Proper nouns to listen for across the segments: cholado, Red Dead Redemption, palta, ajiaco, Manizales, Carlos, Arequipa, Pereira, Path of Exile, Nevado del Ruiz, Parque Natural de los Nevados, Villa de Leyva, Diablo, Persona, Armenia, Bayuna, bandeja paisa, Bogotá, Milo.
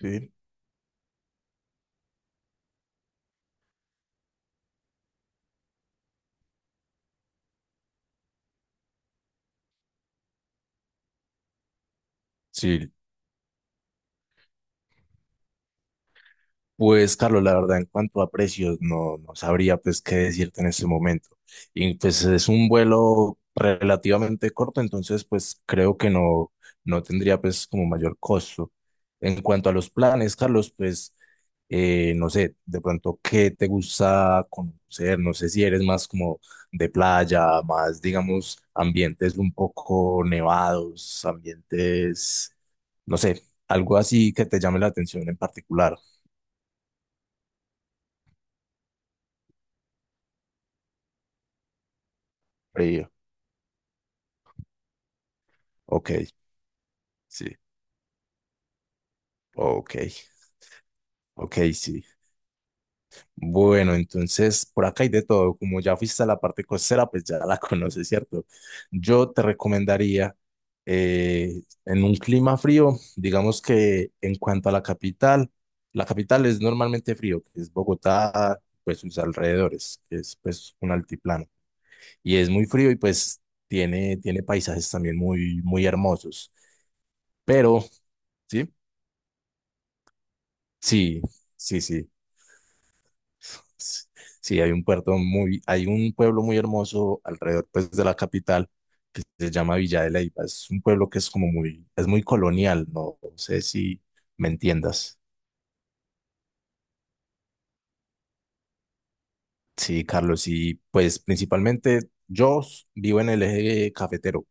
Sí. Sí, pues, Carlos, la verdad, en cuanto a precios, no, no sabría pues qué decirte en este momento. Y pues es un vuelo relativamente corto, entonces pues creo que no, no tendría pues como mayor costo. En cuanto a los planes, Carlos, pues no sé, de pronto qué te gusta conocer, no sé si eres más como de playa, más digamos ambientes un poco nevados, ambientes, no sé, algo así que te llame la atención en particular. Frío. Ok, sí, ok, ok, sí. Bueno, entonces por acá hay de todo. Como ya fuiste a la parte costera, pues ya la conoces, ¿cierto? Yo te recomendaría en un clima frío, digamos que en cuanto a la capital es normalmente frío, que es Bogotá, pues sus alrededores, que es pues un altiplano. Y es muy frío y pues tiene paisajes también muy, muy hermosos. Pero, sí, sí, sí, sí. Sí, hay un pueblo muy hermoso alrededor pues de la capital que se llama Villa de Leyva. Es un pueblo que es es muy colonial, no sé si me entiendas. Sí, Carlos, y pues principalmente yo vivo en el eje cafetero.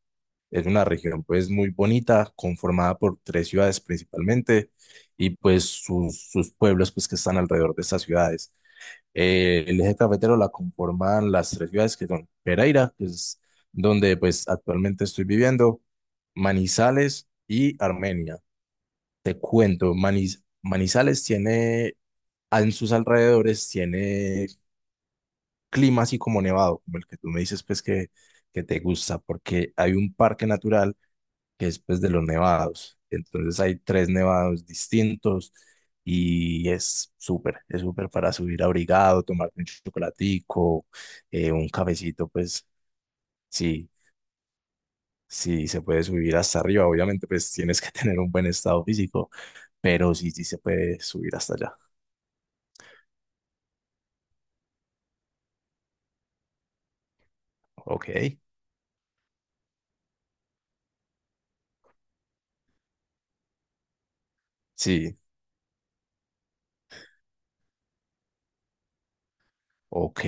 Es una región pues muy bonita, conformada por tres ciudades principalmente y pues sus pueblos pues que están alrededor de estas ciudades. El eje cafetero la conforman las tres ciudades que son Pereira, que es donde pues actualmente estoy viviendo, Manizales y Armenia. Te cuento, Manizales tiene, en sus alrededores tiene clima así como nevado, como el que tú me dices pues que, te gusta, porque hay un parque natural que es pues de los nevados. Entonces hay tres nevados distintos y es súper para subir abrigado, tomar un chocolatico, un cafecito, pues sí, sí se puede subir hasta arriba. Obviamente pues tienes que tener un buen estado físico, pero sí, sí se puede subir hasta allá. Ok, sí, ok.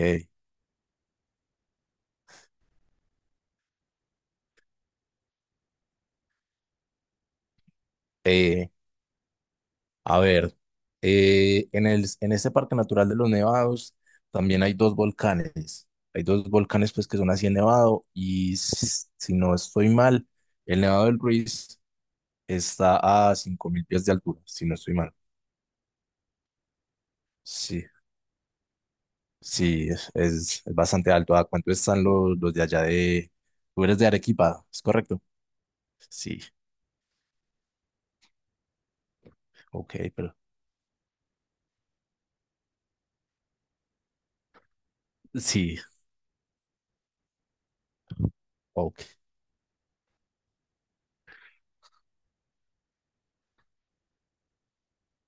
Eh, A ver, en este Parque Natural de los Nevados también hay dos volcanes. Hay dos volcanes pues que son así en Nevado y si no estoy mal, el Nevado del Ruiz está a 5000 pies de altura, si no estoy mal. Sí, sí, es, es bastante alto. ¿A cuánto están los de allá de... Tú eres de Arequipa, ¿es correcto? Sí, ok, pero. Sí, ok,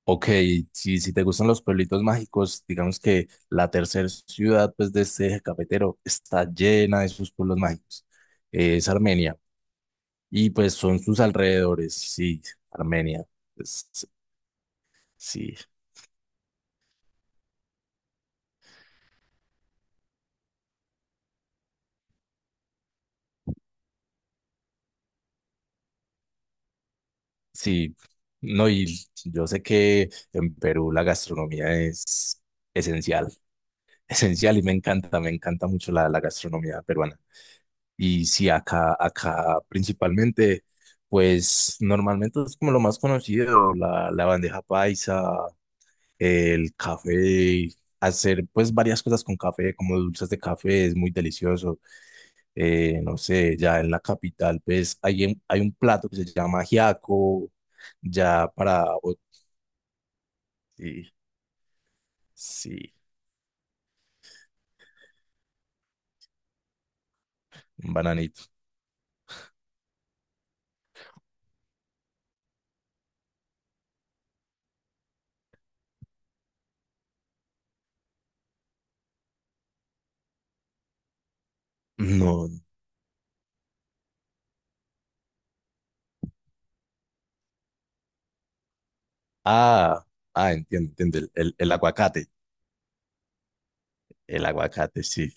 ok, si te gustan los pueblitos mágicos, digamos que la tercera ciudad pues, de este eje cafetero está llena de sus pueblos mágicos. Es Armenia. Y pues son sus alrededores, sí, Armenia. Pues, sí, sí. No, y yo sé que en Perú la gastronomía es esencial, esencial y me encanta mucho la gastronomía peruana. Y sí, acá principalmente, pues normalmente es como lo más conocido, la bandeja paisa, el café, hacer pues varias cosas con café, como dulces de café, es muy delicioso. No sé, ya en la capital, pues hay un plato que se llama ajiaco, ya para. Sí, sí, un bananito. No. Ah, ah, entiendo, entiendo, el aguacate, el aguacate, sí,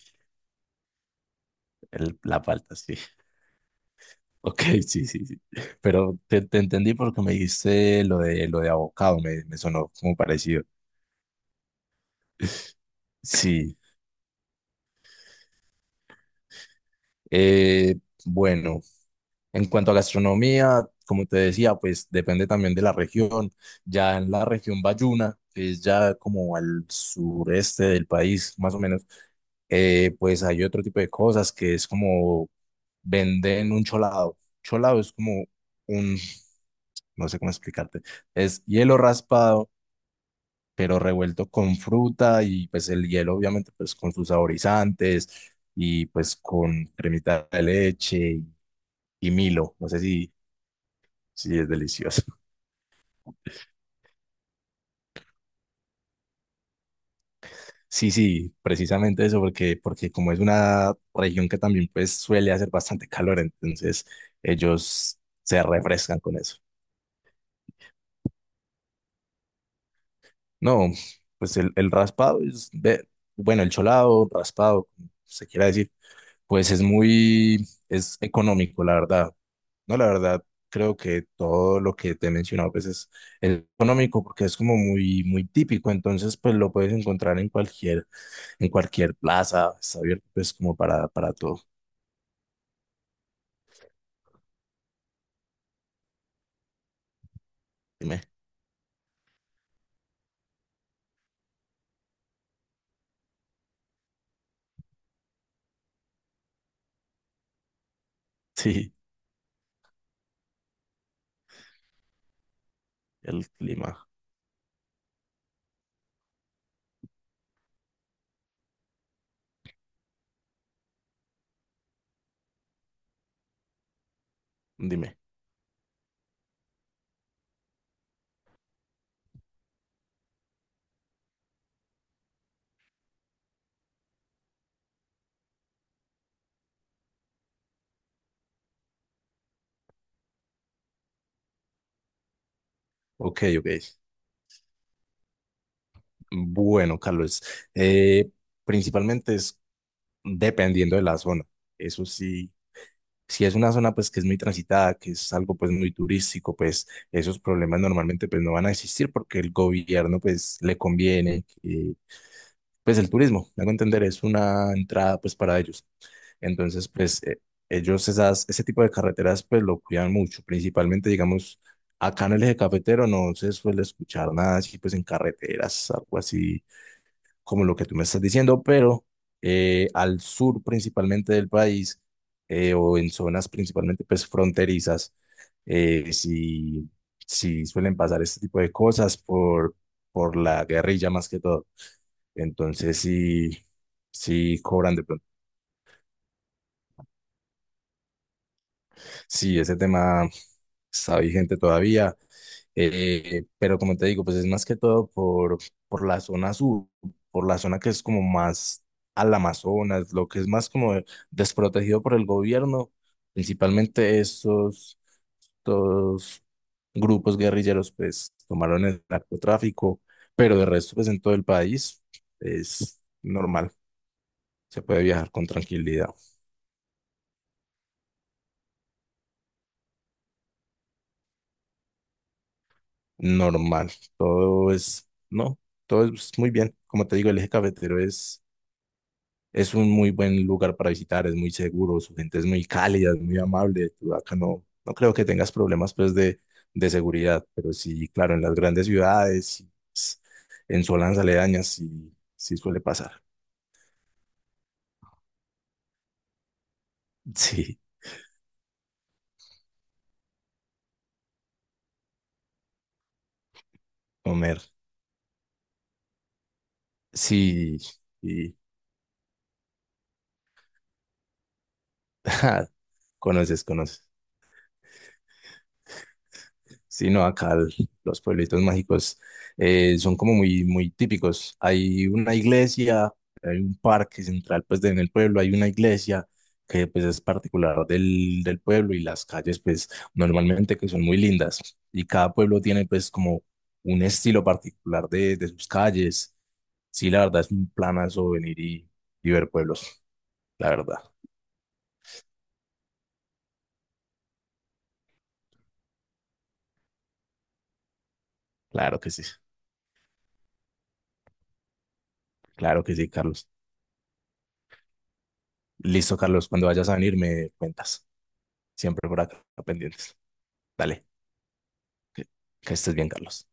la palta, sí. Ok, sí, sí, sí. Pero te entendí porque me dijiste lo de abocado, me sonó como parecido. Sí. Eh, bueno, en cuanto a gastronomía, como te decía, pues depende también de la región. Ya en la región Bayuna, que es ya como al sureste del país, más o menos, pues hay otro tipo de cosas que es como venden un cholado. Cholado es como un, no sé cómo explicarte, es hielo raspado pero revuelto con fruta y pues el hielo obviamente pues con sus saborizantes y pues con cremita de leche y Milo, no sé si es delicioso. Sí, sí, precisamente eso, porque como es una región que también pues suele hacer bastante calor, entonces ellos se refrescan con eso. No, pues el raspado bueno, el cholado, raspado, como se quiera decir. Pues es económico, la verdad. No, la verdad, creo que todo lo que te he mencionado, pues es económico porque es como muy, muy típico. Entonces, pues lo puedes encontrar en cualquier plaza. Está abierto, pues como para todo. Dime. Sí, el clima. Dime. Ok, ok. Bueno, Carlos, eh, principalmente es dependiendo de la zona. Eso sí, si es una zona pues que es muy transitada, que es algo pues muy turístico, pues esos problemas normalmente pues no van a existir porque el gobierno pues le conviene que, pues el turismo, me hago entender, es una entrada pues para ellos. Entonces pues ese tipo de carreteras pues lo cuidan mucho, principalmente digamos acá en el eje cafetero no se suele escuchar nada así pues en carreteras, algo así como lo que tú me estás diciendo, pero al sur principalmente del país, o en zonas principalmente pues fronterizas, sí, sí suelen pasar este tipo de cosas por la guerrilla más que todo. Entonces sí, sí cobran de pronto. Sí, ese tema está vigente todavía. Pero como te digo, pues es más que todo por la zona sur, por la zona que es como más al Amazonas, lo que es más como desprotegido por el gobierno, principalmente estos grupos guerrilleros, pues tomaron el narcotráfico, pero de resto, pues en todo el país es normal, se puede viajar con tranquilidad, normal, no, todo es muy bien, como te digo, el eje cafetero es un muy buen lugar para visitar, es muy seguro, su gente es muy cálida, es muy amable. Tú acá no, no creo que tengas problemas pues de seguridad, pero sí, claro, en las grandes ciudades, s- en zonas aledañas, sí, sí suele pasar. Sí, Homer, sí, y conoces, conoces. Sí, no, acá los pueblitos mágicos son como muy, muy típicos. Hay una iglesia, hay un parque central, pues en el pueblo hay una iglesia que pues es particular del pueblo y las calles pues normalmente que son muy lindas y cada pueblo tiene pues como un estilo particular de sus calles. Sí, la verdad es un planazo venir y ver pueblos, la verdad. Claro que sí, claro que sí, Carlos. Listo, Carlos, cuando vayas a venir me cuentas. Siempre por acá pendientes. Dale, que estés bien, Carlos.